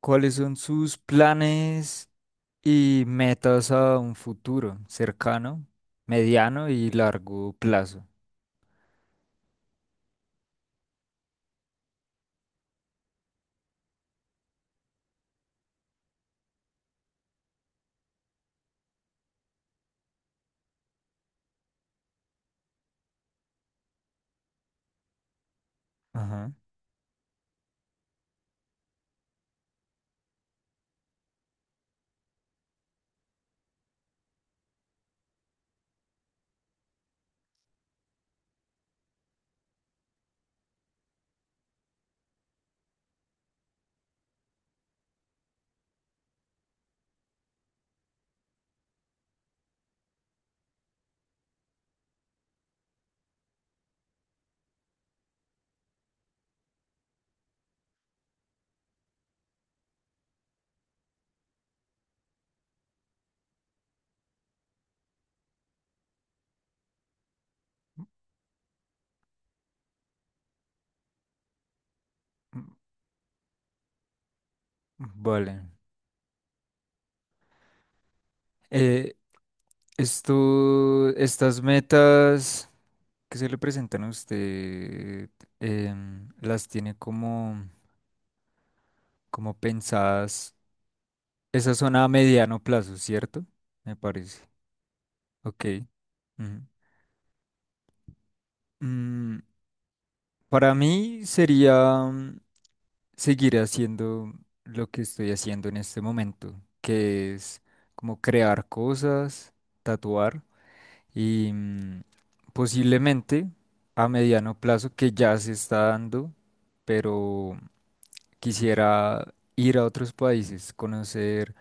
¿Cuáles son sus planes y metas a un futuro cercano, mediano y largo plazo? Ajá. Mm. Vale. Eh, Estas metas que se le presentan a usted, las tiene como, como pensadas. Esas son a mediano plazo, ¿cierto? Me parece. Ok. Ujú. Mm, para mí sería, seguir haciendo lo que estoy haciendo en este momento, que es como crear cosas, tatuar y, posiblemente a mediano plazo, que ya se está dando, pero quisiera ir a otros países, conocer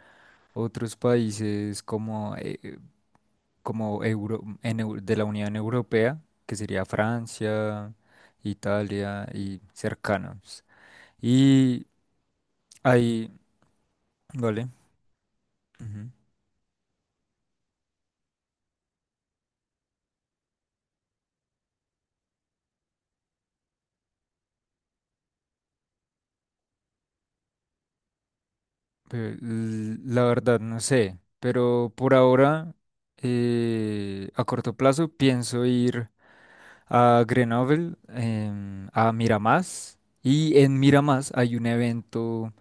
otros países como, como de la Unión Europea, que sería Francia, Italia y cercanos. Y ahí, vale. Ujú. La verdad, no sé, pero por ahora, a corto plazo, pienso ir a Grenoble, a Miramás, y en Miramás hay un evento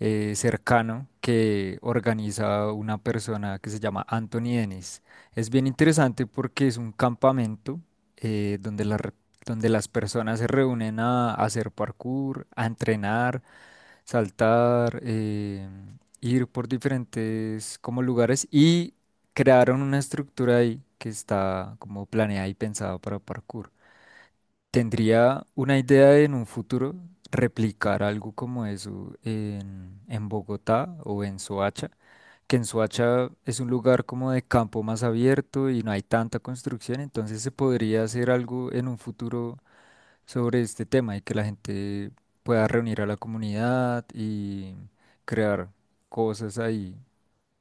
cercano que organiza una persona que se llama Anthony Dennis. Es bien interesante porque es un campamento, donde donde las personas se reúnen a hacer parkour, a entrenar, saltar, ir por diferentes como lugares, y crearon una estructura ahí que está como planeada y pensada para parkour. Tendría una idea de en un futuro replicar algo como eso en Bogotá o en Soacha, que en Soacha es un lugar como de campo más abierto y no hay tanta construcción, entonces se podría hacer algo en un futuro sobre este tema y que la gente pueda reunir a la comunidad y crear cosas ahí,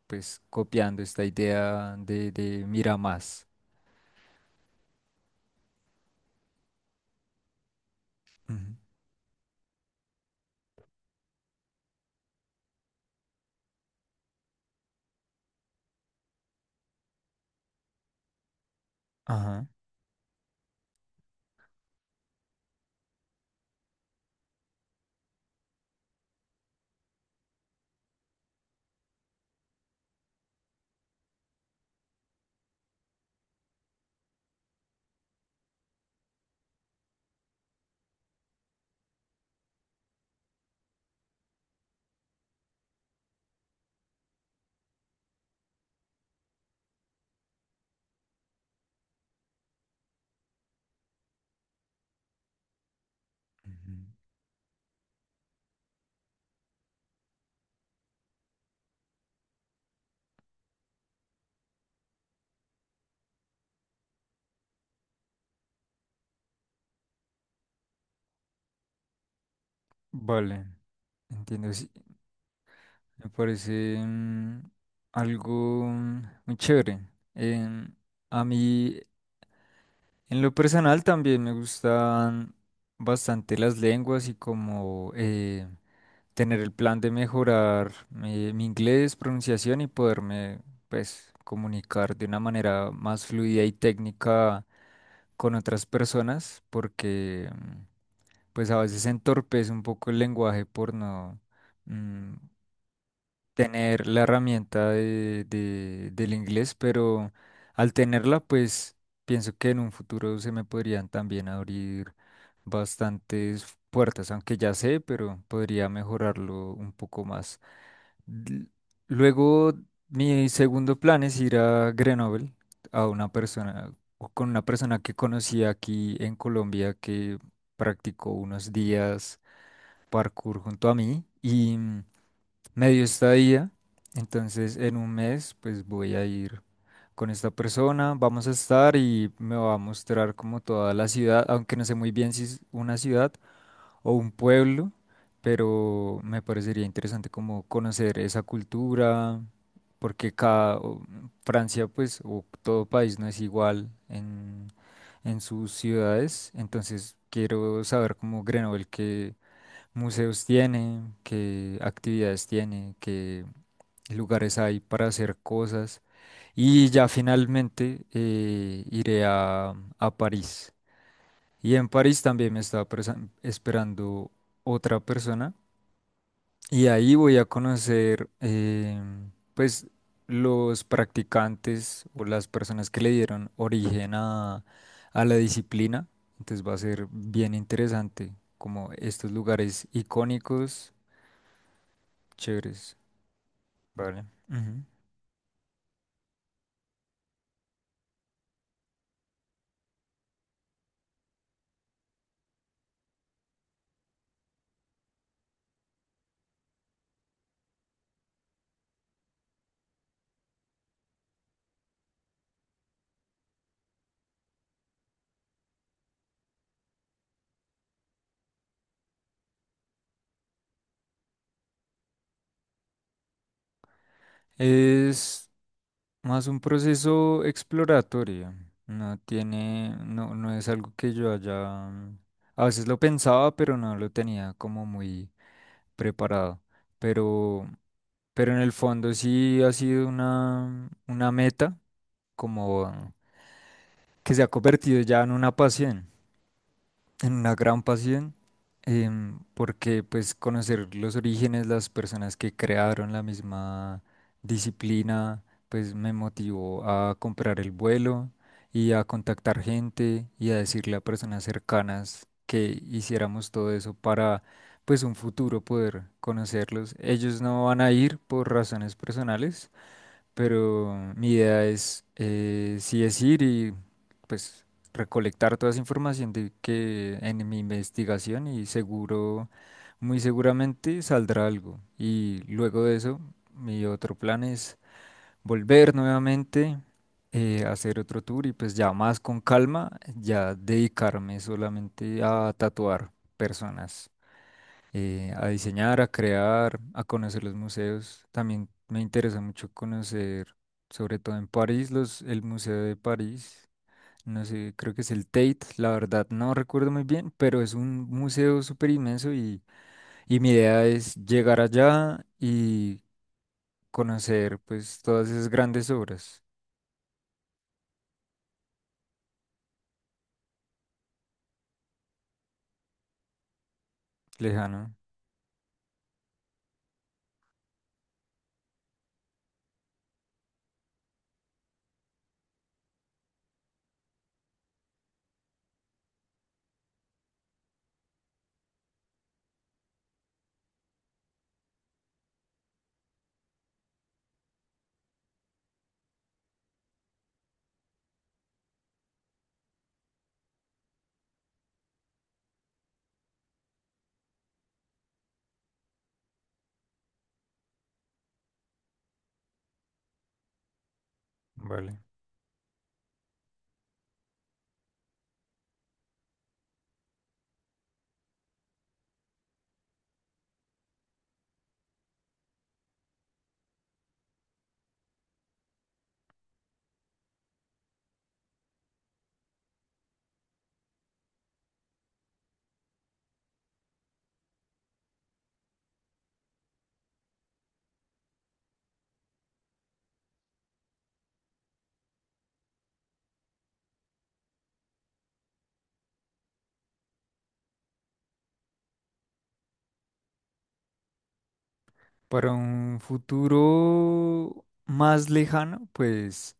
pues copiando esta idea de mira más. Ujú. Ajá. Ujú. Vale, entiendo, sí. Me parece, algo, muy chévere. Em, a mí, en lo personal, también me gustan bastante las lenguas y como... tener el plan de mejorar, mi inglés, pronunciación, y poderme, pues, comunicar de una manera más fluida y técnica con otras personas, porque, pues, a veces entorpece un poco el lenguaje por no, mm, tener la herramienta de, del inglés, pero al tenerla, pues pienso que en un futuro se me podrían también abrir bastantes puertas, aunque ya sé, pero podría mejorarlo un poco más. L- Luego, mi segundo plan es ir a Grenoble, a una persona, o con una persona que conocí aquí en Colombia que practicó unos días parkour junto a mí, y, medio estadía. Entonces, en un mes, pues voy a ir con esta persona, vamos a estar y me va a mostrar como toda la ciudad, aunque no sé muy bien si es una ciudad o un pueblo, pero me parecería interesante como conocer esa cultura, porque Francia, pues, o todo país no es igual en sus ciudades, entonces quiero saber como Grenoble, que museos tiene, qué actividades tiene, qué lugares hay para hacer cosas. Y ya finalmente, iré a París. Y en París también me está esperando otra persona. Y ahí voy a conocer, pues, los practicantes o las personas que le dieron origen a la disciplina. Entonces va a ser bien interesante como estos lugares icónicos, chéveres. Vale. Ujú. Es más un proceso exploratorio. No tiene, no, no es algo que yo haya. A veces lo pensaba, pero no lo tenía como muy preparado. Pero, pero en el fondo sí ha sido una meta, como que se ha convertido ya en una pasión, en una gran pasión. Porque pues conocer los orígenes, las personas que crearon la misma disciplina, pues me motivó a comprar el vuelo y a contactar gente y a decirle a personas cercanas que hiciéramos todo eso para pues un futuro poder conocerlos. Ellos no van a ir por razones personales, pero mi idea es, sí, es ir y pues recolectar toda esa información de que en mi investigación, y seguro, muy seguramente saldrá algo. Y luego de eso, mi otro plan es volver nuevamente, hacer otro tour y pues ya más con calma, ya dedicarme solamente a tatuar personas, a diseñar, a crear, a conocer los museos. También me interesa mucho conocer, sobre todo en París, los, el Museo de París. No sé, creo que es el Tate, la verdad no recuerdo muy bien, pero es un museo súper inmenso, y mi idea es llegar allá y conocer pues todas esas grandes obras lejano. Vale. Para un futuro más lejano, pues...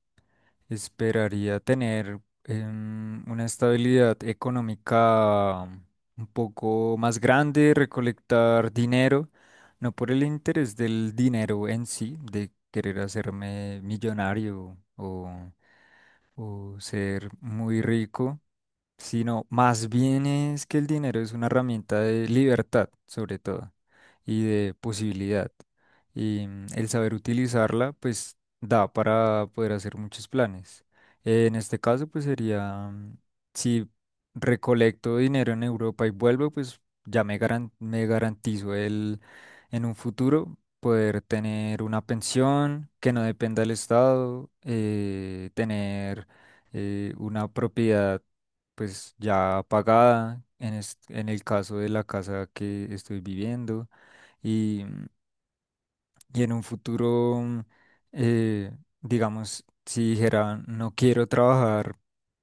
esperaría tener, una estabilidad económica, un poco más grande, recolectar dinero, no por el interés del dinero en sí, de querer hacerme millonario o ser muy rico, sino más bien es que el dinero es una herramienta de libertad, sobre todo, y de posibilidad. Y, el saber utilizarla, pues, da para poder hacer muchos planes. En este caso, pues sería, si recolecto dinero en Europa y vuelvo, pues ya me me garantizo el, en un futuro, poder tener una pensión que no dependa del Estado, tener, una propiedad pues ya pagada en, en el caso de la casa que estoy viviendo, y, y en un futuro, eh, digamos, si dijera no quiero trabajar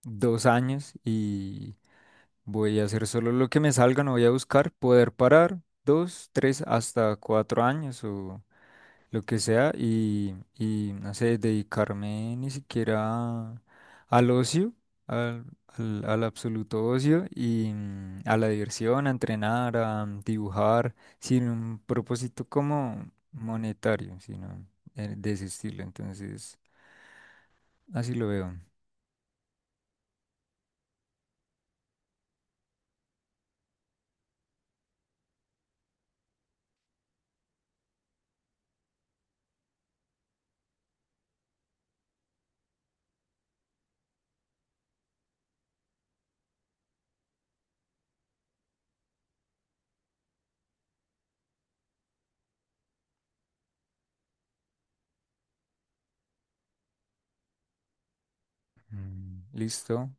2 años, y voy a hacer solo lo que me salga, no voy a buscar, poder parar 2, 3, hasta 4 años o lo que sea, y no sé, dedicarme ni siquiera al ocio, al, al, al absoluto ocio y, a la diversión, a entrenar, a dibujar, sin un propósito como monetario, sino, de ese estilo. Entonces, así lo veo. Mm. Listo.